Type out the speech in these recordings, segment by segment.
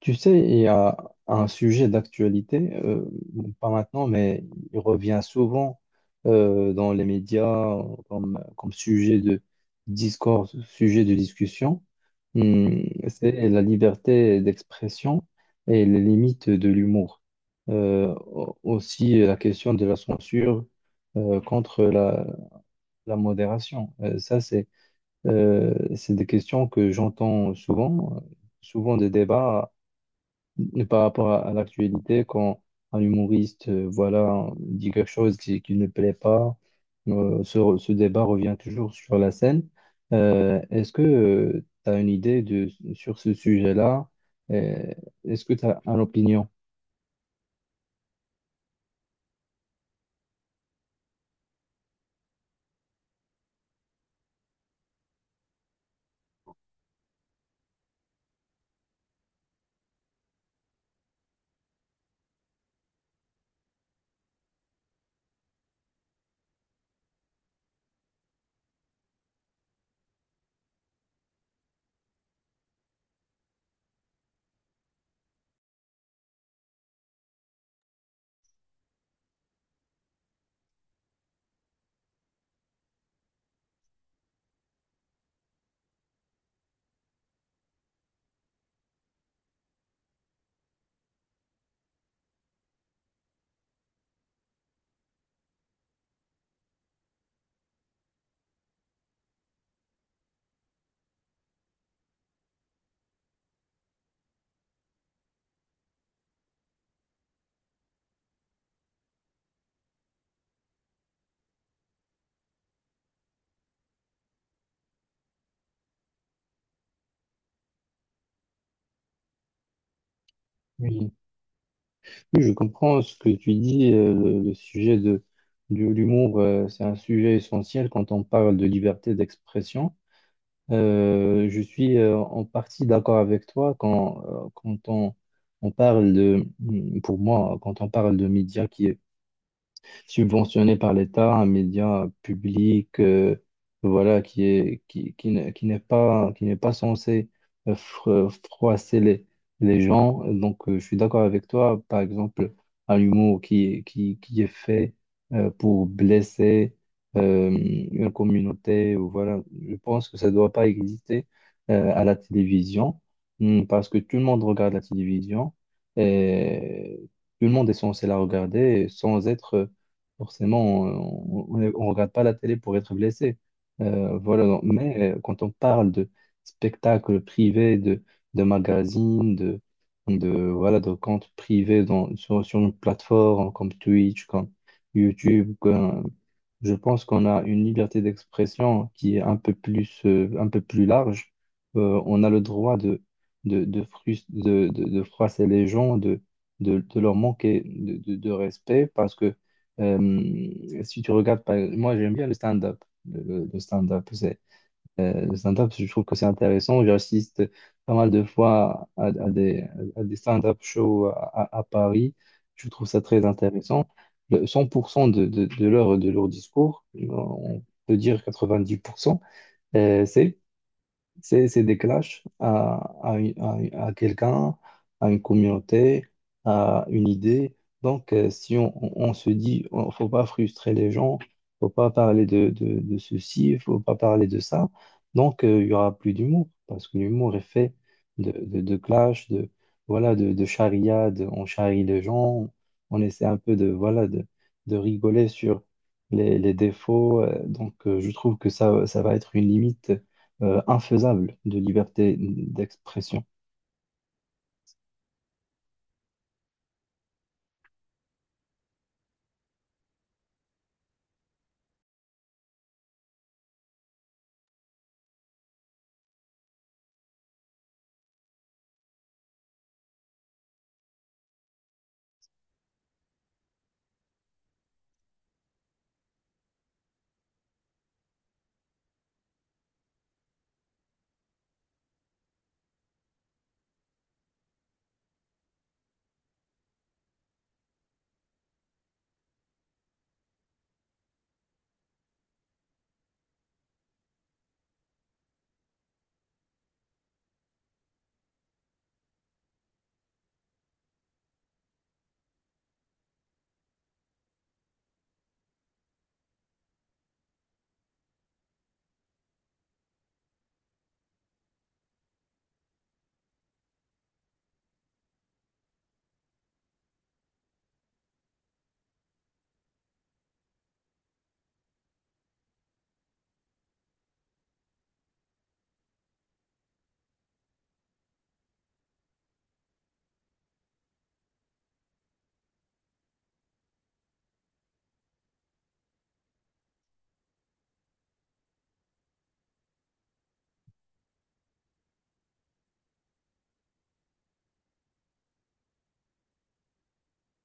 Tu sais, il y a un sujet d'actualité, bon, pas maintenant, mais il revient souvent dans les médias comme sujet de discours, sujet de discussion. Hmm, c'est la liberté d'expression et les limites de l'humour. Aussi la question de la censure contre la modération. Ça, c'est des questions que j'entends souvent, souvent des débats et par rapport à l'actualité, quand un humoriste voilà, dit quelque chose qui ne plaît pas, ce débat revient toujours sur la scène. Est-ce que tu as une idée sur ce sujet-là? Euh, est-ce que tu as une opinion? Oui. Oui, je comprends ce que tu dis. Le sujet de l'humour, c'est un sujet essentiel quand on parle de liberté d'expression. Je suis en partie d'accord avec toi quand, quand on parle de, pour moi, quand on parle de médias qui, subventionné par l'État, un média public, voilà, qui est, qui n'est pas censé froisser les gens. Donc, je suis d'accord avec toi. Par exemple, un humour qui est fait pour blesser une communauté, ou voilà, je pense que ça ne doit pas exister à la télévision, hmm, parce que tout le monde regarde la télévision et tout le monde est censé la regarder sans être forcément, on ne regarde pas la télé pour être blessé. Mais quand on parle de spectacles privés, de magazines, voilà, de comptes privés sur une plateforme comme Twitch, comme YouTube, je pense qu'on a une liberté d'expression qui est un peu plus large. On a le droit de froisser les gens, de leur manquer de, de respect parce que si tu regardes, par- moi j'aime bien le stand-up. Le stand-up, le stand-up, je trouve que c'est intéressant. J'assiste pas mal de fois à des stand-up shows à Paris. Je trouve ça très intéressant. Le 100% de leur discours, on peut dire 90%, euh, c'est c'est des clashs à quelqu'un, à une communauté, à une idée. Donc, si on, on se dit, ne faut pas frustrer les gens, faut pas parler de ceci, faut pas parler de ça, donc il y aura plus d'humour, parce que l'humour est fait de clash, voilà, de charriade, on charrie les gens, on essaie un peu de, voilà, de rigoler sur les défauts. Donc, je trouve que ça va être une limite infaisable de liberté d'expression.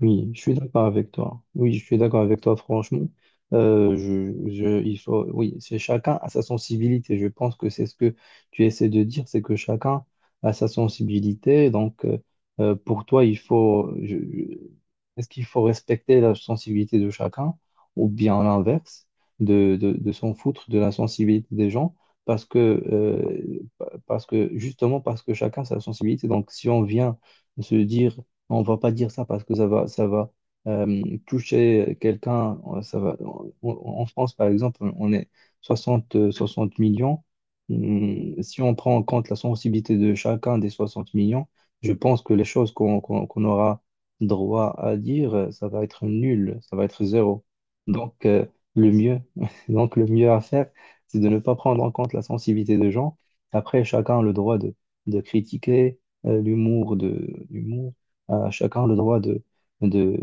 Oui, je suis d'accord avec toi. Oui, je suis d'accord avec toi, franchement. Il faut, oui, c'est chacun a sa sensibilité. Je pense que c'est ce que tu essaies de dire, c'est que chacun a sa sensibilité. Pour toi, il faut, est-ce qu'il faut respecter la sensibilité de chacun ou bien l'inverse, de s'en foutre de la sensibilité des gens parce que, euh, parce que, justement, parce que chacun a sa sensibilité. Donc, si on vient se dire on va pas dire ça parce que ça va toucher quelqu'un. Ça va. En France, par exemple, on est 60 millions. Si on prend en compte la sensibilité de chacun des 60 millions, je pense que les choses qu'on aura droit à dire, ça va être nul, ça va être zéro. Donc, le mieux, donc le mieux à faire, c'est de ne pas prendre en compte la sensibilité des gens. Après, chacun a le droit de critiquer l'humour chacun a le droit de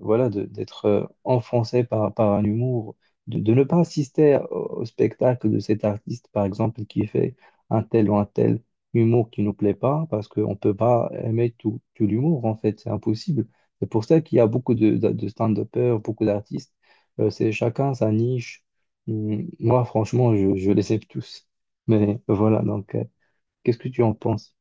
voilà, d'être enfoncé par, par un humour, de ne pas assister au, au spectacle de cet artiste, par exemple, qui fait un tel ou un tel humour qui nous plaît pas, parce qu'on ne peut pas aimer tout, tout l'humour, en fait, c'est impossible. C'est pour ça qu'il y a beaucoup de stand-uppers, beaucoup d'artistes. C'est chacun sa niche. Moi, franchement, je les aime tous. Mais voilà, donc, qu'est-ce que tu en penses?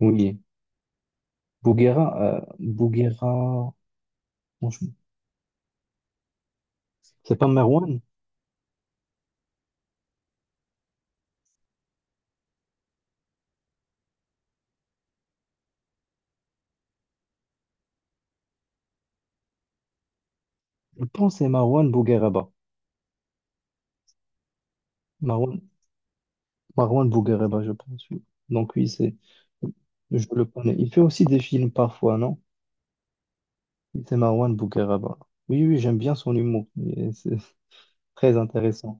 Oui, Bouguera, Bouguera, franchement. C'est pas Marwan? Je pense que c'est Marwan Bougueraba. Marwan, Marwan Bougueraba, je pense. Oui. Donc oui, c'est, je le connais. Il fait aussi des films parfois, non? C'est Marwan Bougueraba. Oui, oui, j'aime bien son humour. Et c'est très intéressant.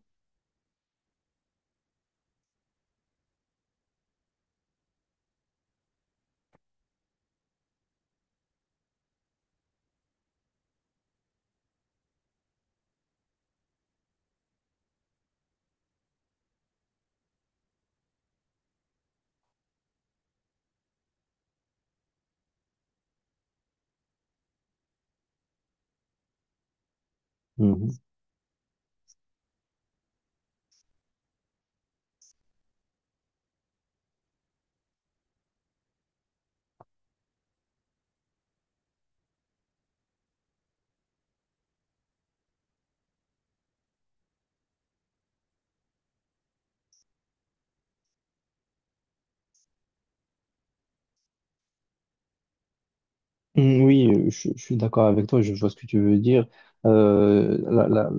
Mm, oui, je suis d'accord avec toi, je vois ce que tu veux dire. Euh, la- la-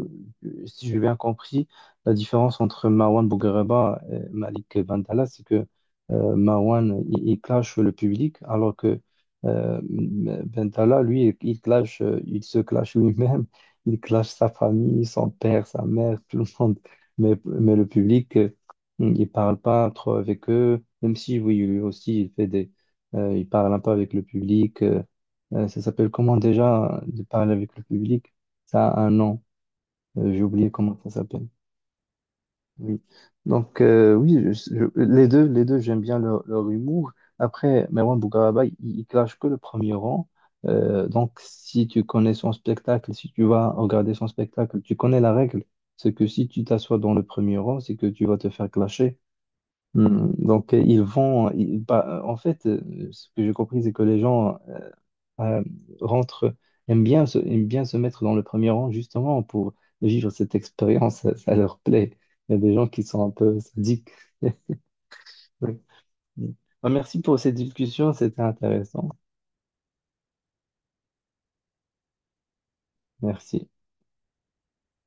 Si j'ai bien compris, la différence entre Marwan Bouguereba et Malik Bentala, c'est que Marwan, il clash le public, alors que Bentala, lui, il clash, il se clash lui-même, il clash sa famille, son père, sa mère, tout le monde. Mais le public, il parle pas trop avec eux, même si, oui, lui aussi, il fait des... il parle un peu avec le public. Ça s'appelle comment déjà de parler avec le public? Ça a un nom. J'ai oublié comment ça s'appelle. Oui. Oui, les deux, j'aime bien leur humour. Après, Merwan Bougaraba, il clash que le premier rang. Donc si tu connais son spectacle, si tu vas regarder son spectacle, tu connais la règle. C'est que si tu t'assois dans le premier rang, c'est que tu vas te faire clasher. Hmm, bah, en fait, ce que j'ai compris, c'est que les gens euh, rentrent, aiment bien se mettre dans le premier rang, justement, pour vivre cette expérience. Ça leur plaît. Il y a des gens qui sont un peu sadiques. Ouais. Bah, merci pour cette discussion, c'était intéressant. Merci.